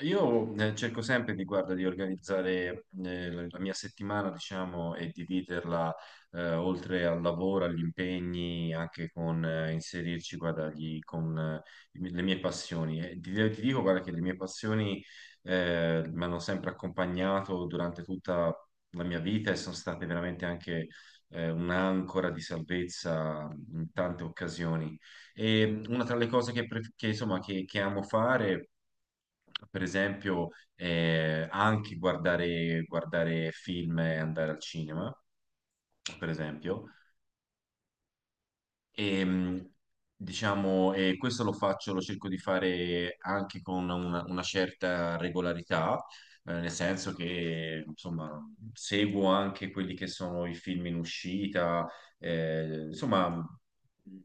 Io cerco sempre di, guarda, di organizzare la mia settimana, diciamo, e dividerla oltre al lavoro, agli impegni, anche con inserirci, guarda, le mie passioni. E ti dico, guarda, che le mie passioni mi hanno sempre accompagnato durante tutta la mia vita e sono state veramente anche un'ancora di salvezza in tante occasioni. E una tra le cose che, insomma, che amo fare, per esempio, anche guardare film e andare al cinema, per esempio. E, diciamo, e questo lo faccio, lo cerco di fare anche con una certa regolarità, nel senso che, insomma, seguo anche quelli che sono i film in uscita, insomma,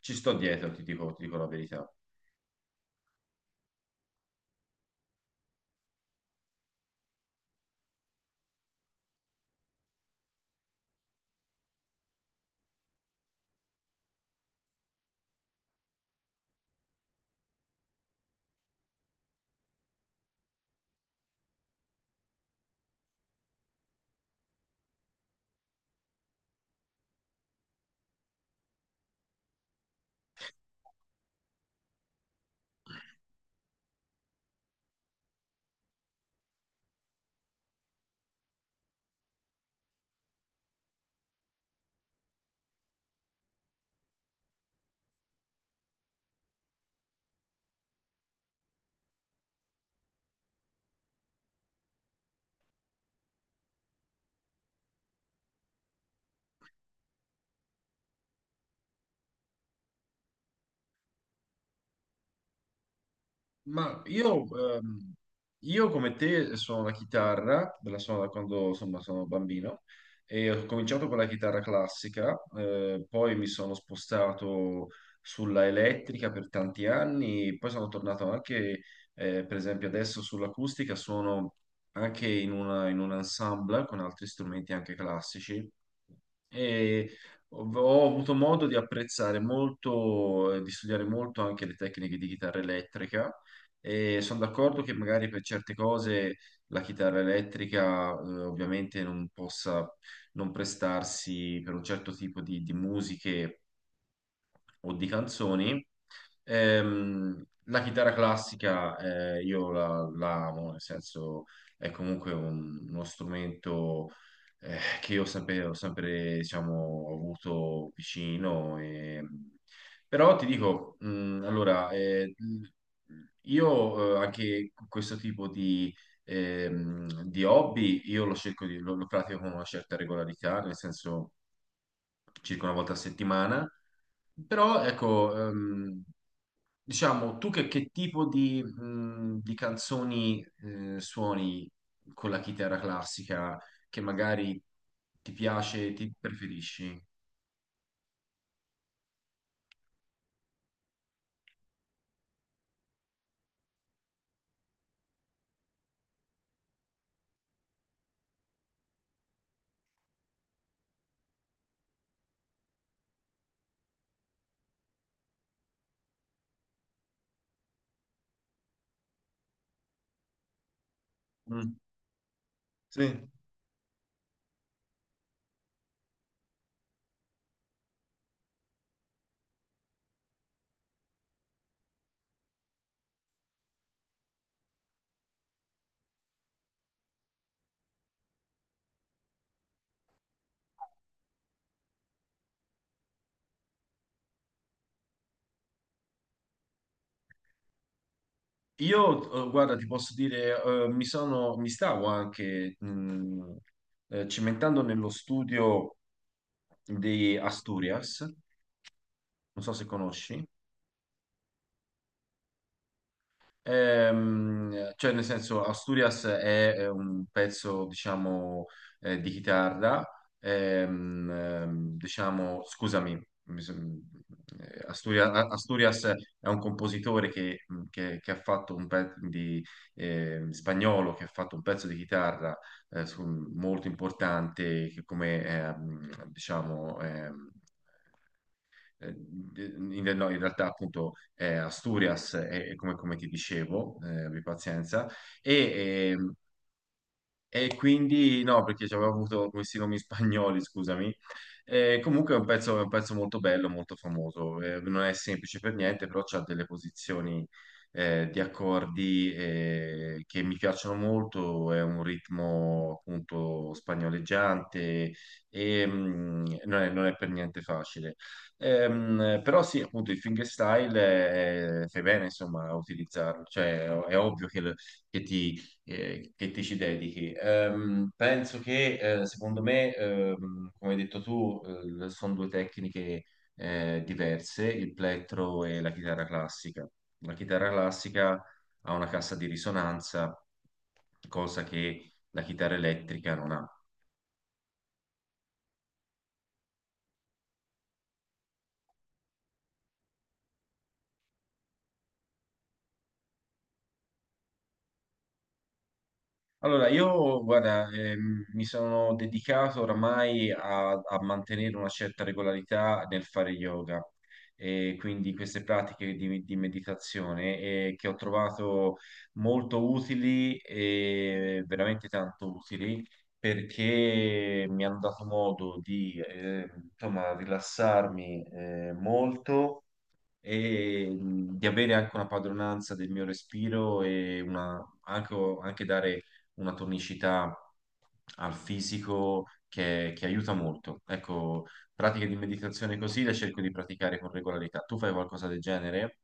ci sto dietro, ti dico la verità. Ma ehm, io come te suono la chitarra, la suono da quando, insomma, sono bambino e ho cominciato con la chitarra classica, poi mi sono spostato sulla elettrica per tanti anni, poi sono tornato anche, per esempio adesso, sull'acustica, suono anche in un ensemble con altri strumenti anche classici e ho avuto modo di apprezzare molto, di studiare molto anche le tecniche di chitarra elettrica e sono d'accordo che magari, per certe cose, la chitarra elettrica ovviamente non possa non prestarsi per un certo tipo di musiche o di canzoni. La chitarra classica, io la amo, nel senso è comunque uno strumento che io ho sempre, diciamo, avuto vicino. Però ti dico, allora, io anche questo tipo di hobby, io lo cerco lo pratico con una certa regolarità, nel senso circa una volta a settimana. Però ecco, diciamo, tu che tipo di canzoni suoni con la chitarra classica che magari ti piace, ti preferisci? Mm. Sì. Io, guarda, ti posso dire, mi stavo anche cimentando nello studio di Asturias, non so se conosci. Cioè, nel senso, Asturias è, un pezzo, diciamo, di chitarra, diciamo, scusami, mi son- Asturia- A- Asturias è un compositore che ha fatto un pezzo di, spagnolo, che ha fatto un pezzo di chitarra eh, su- molto importante, che come, diciamo, eh, no, in realtà appunto è Asturias, è come, come ti dicevo, abbi pazienza, e, ehm, e quindi no, perché ci avevo avuto questi nomi spagnoli, scusami. E comunque è un pezzo, molto bello, molto famoso. Non è semplice per niente, però c'ha delle posizioni di accordi che mi piacciono molto. È un ritmo appunto spagnoleggiante e non è per niente facile. Però sì, appunto il fingerstyle, fai bene, insomma, a utilizzarlo. Cioè, è ovvio che, che ti che ti ci dedichi. Penso che, secondo me, come hai detto tu, sono due tecniche diverse, il plettro e la chitarra classica. La chitarra classica ha una cassa di risonanza, cosa che la chitarra elettrica non ha. Allora, io, guarda, mi sono dedicato oramai a mantenere una certa regolarità nel fare yoga e quindi queste pratiche di meditazione che ho trovato molto utili, e veramente tanto utili, perché mi hanno dato modo di, insomma, rilassarmi molto e di avere anche una padronanza del mio respiro e anche dare una tonicità al fisico che aiuta molto. Ecco, pratiche di meditazione così le cerco di praticare con regolarità. Tu fai qualcosa del genere?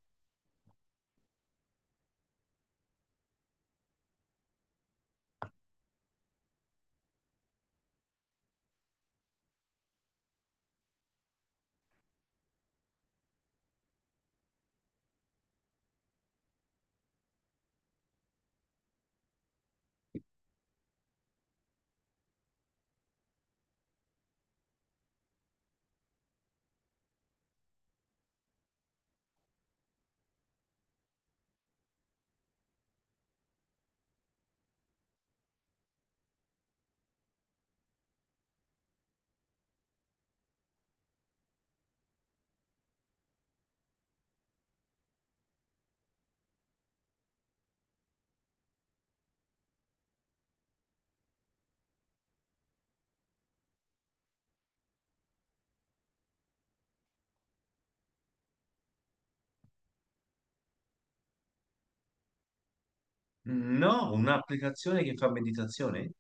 No, un'applicazione che fa meditazione?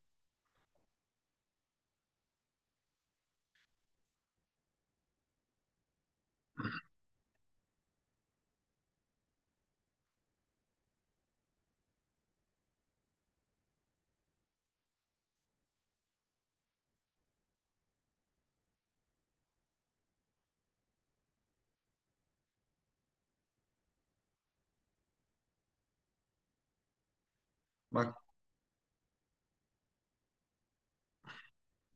Ma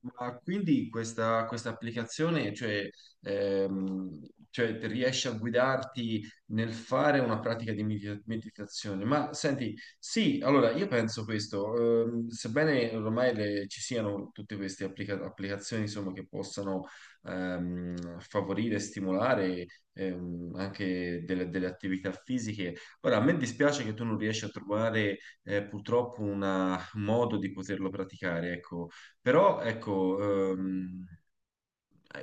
Ma quindi questa applicazione, cioè, ehm, cioè, ti riesce a guidarti nel fare una pratica di meditazione? Ma senti, sì, allora io penso questo, sebbene ormai ci siano tutte queste applicazioni, insomma, che possano favorire e stimolare anche delle attività fisiche, ora a me dispiace che tu non riesci a trovare purtroppo un modo di poterlo praticare, ecco. Però ecco, ehm,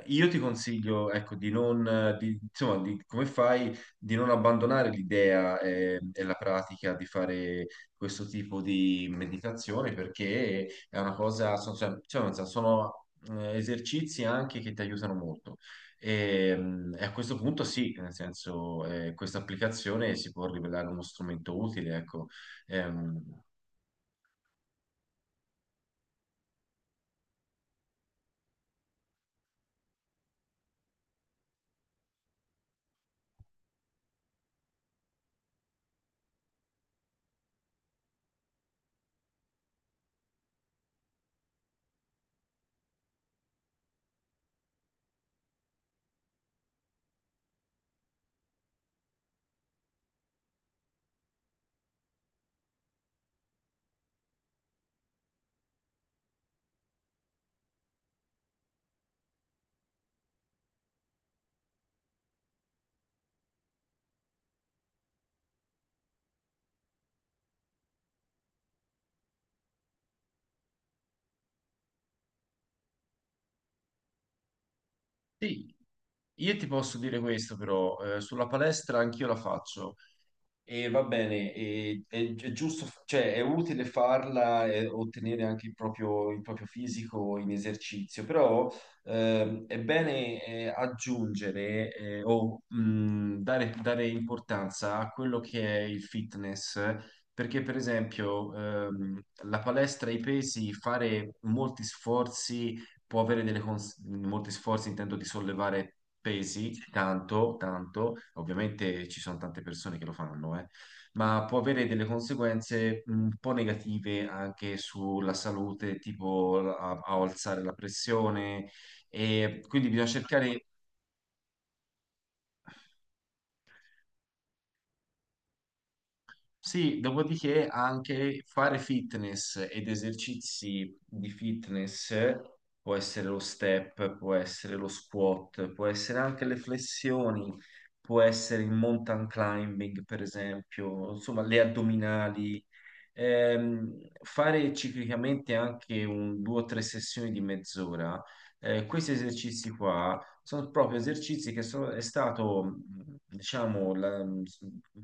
io ti consiglio, ecco, di non, di- insomma, come fai, di non abbandonare l'idea e la pratica di fare questo tipo di meditazione, perché è una cosa, cioè, nel senso, sono, esercizi anche che ti aiutano molto. E a questo punto sì, nel senso, questa applicazione si può rivelare uno strumento utile, ecco. Ehm, sì. Io ti posso dire questo però, sulla palestra anch'io la faccio e va bene, è giusto, cioè è utile farla e ottenere anche il proprio fisico in esercizio, però è bene aggiungere, o dare importanza a quello che è il fitness, perché per esempio la palestra, i pesi, fare molti sforzi può avere delle molti sforzi, intendo di sollevare pesi, tanto, tanto, ovviamente ci sono tante persone che lo fanno, ma può avere delle conseguenze un po' negative anche sulla salute, tipo a alzare la pressione, e quindi bisogna cercare. Sì, dopodiché anche fare fitness ed esercizi di fitness può essere lo step, può essere lo squat, può essere anche le flessioni, può essere il mountain climbing, per esempio, insomma, le addominali. Ehm, fare ciclicamente anche un, due o tre sessioni di mezz'ora. Questi esercizi qua sono proprio esercizi che sono, è stato, diciamo,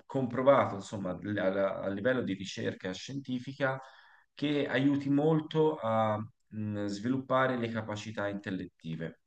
comprovato, insomma, a livello di ricerca scientifica, che aiuti molto a sviluppare le capacità intellettive.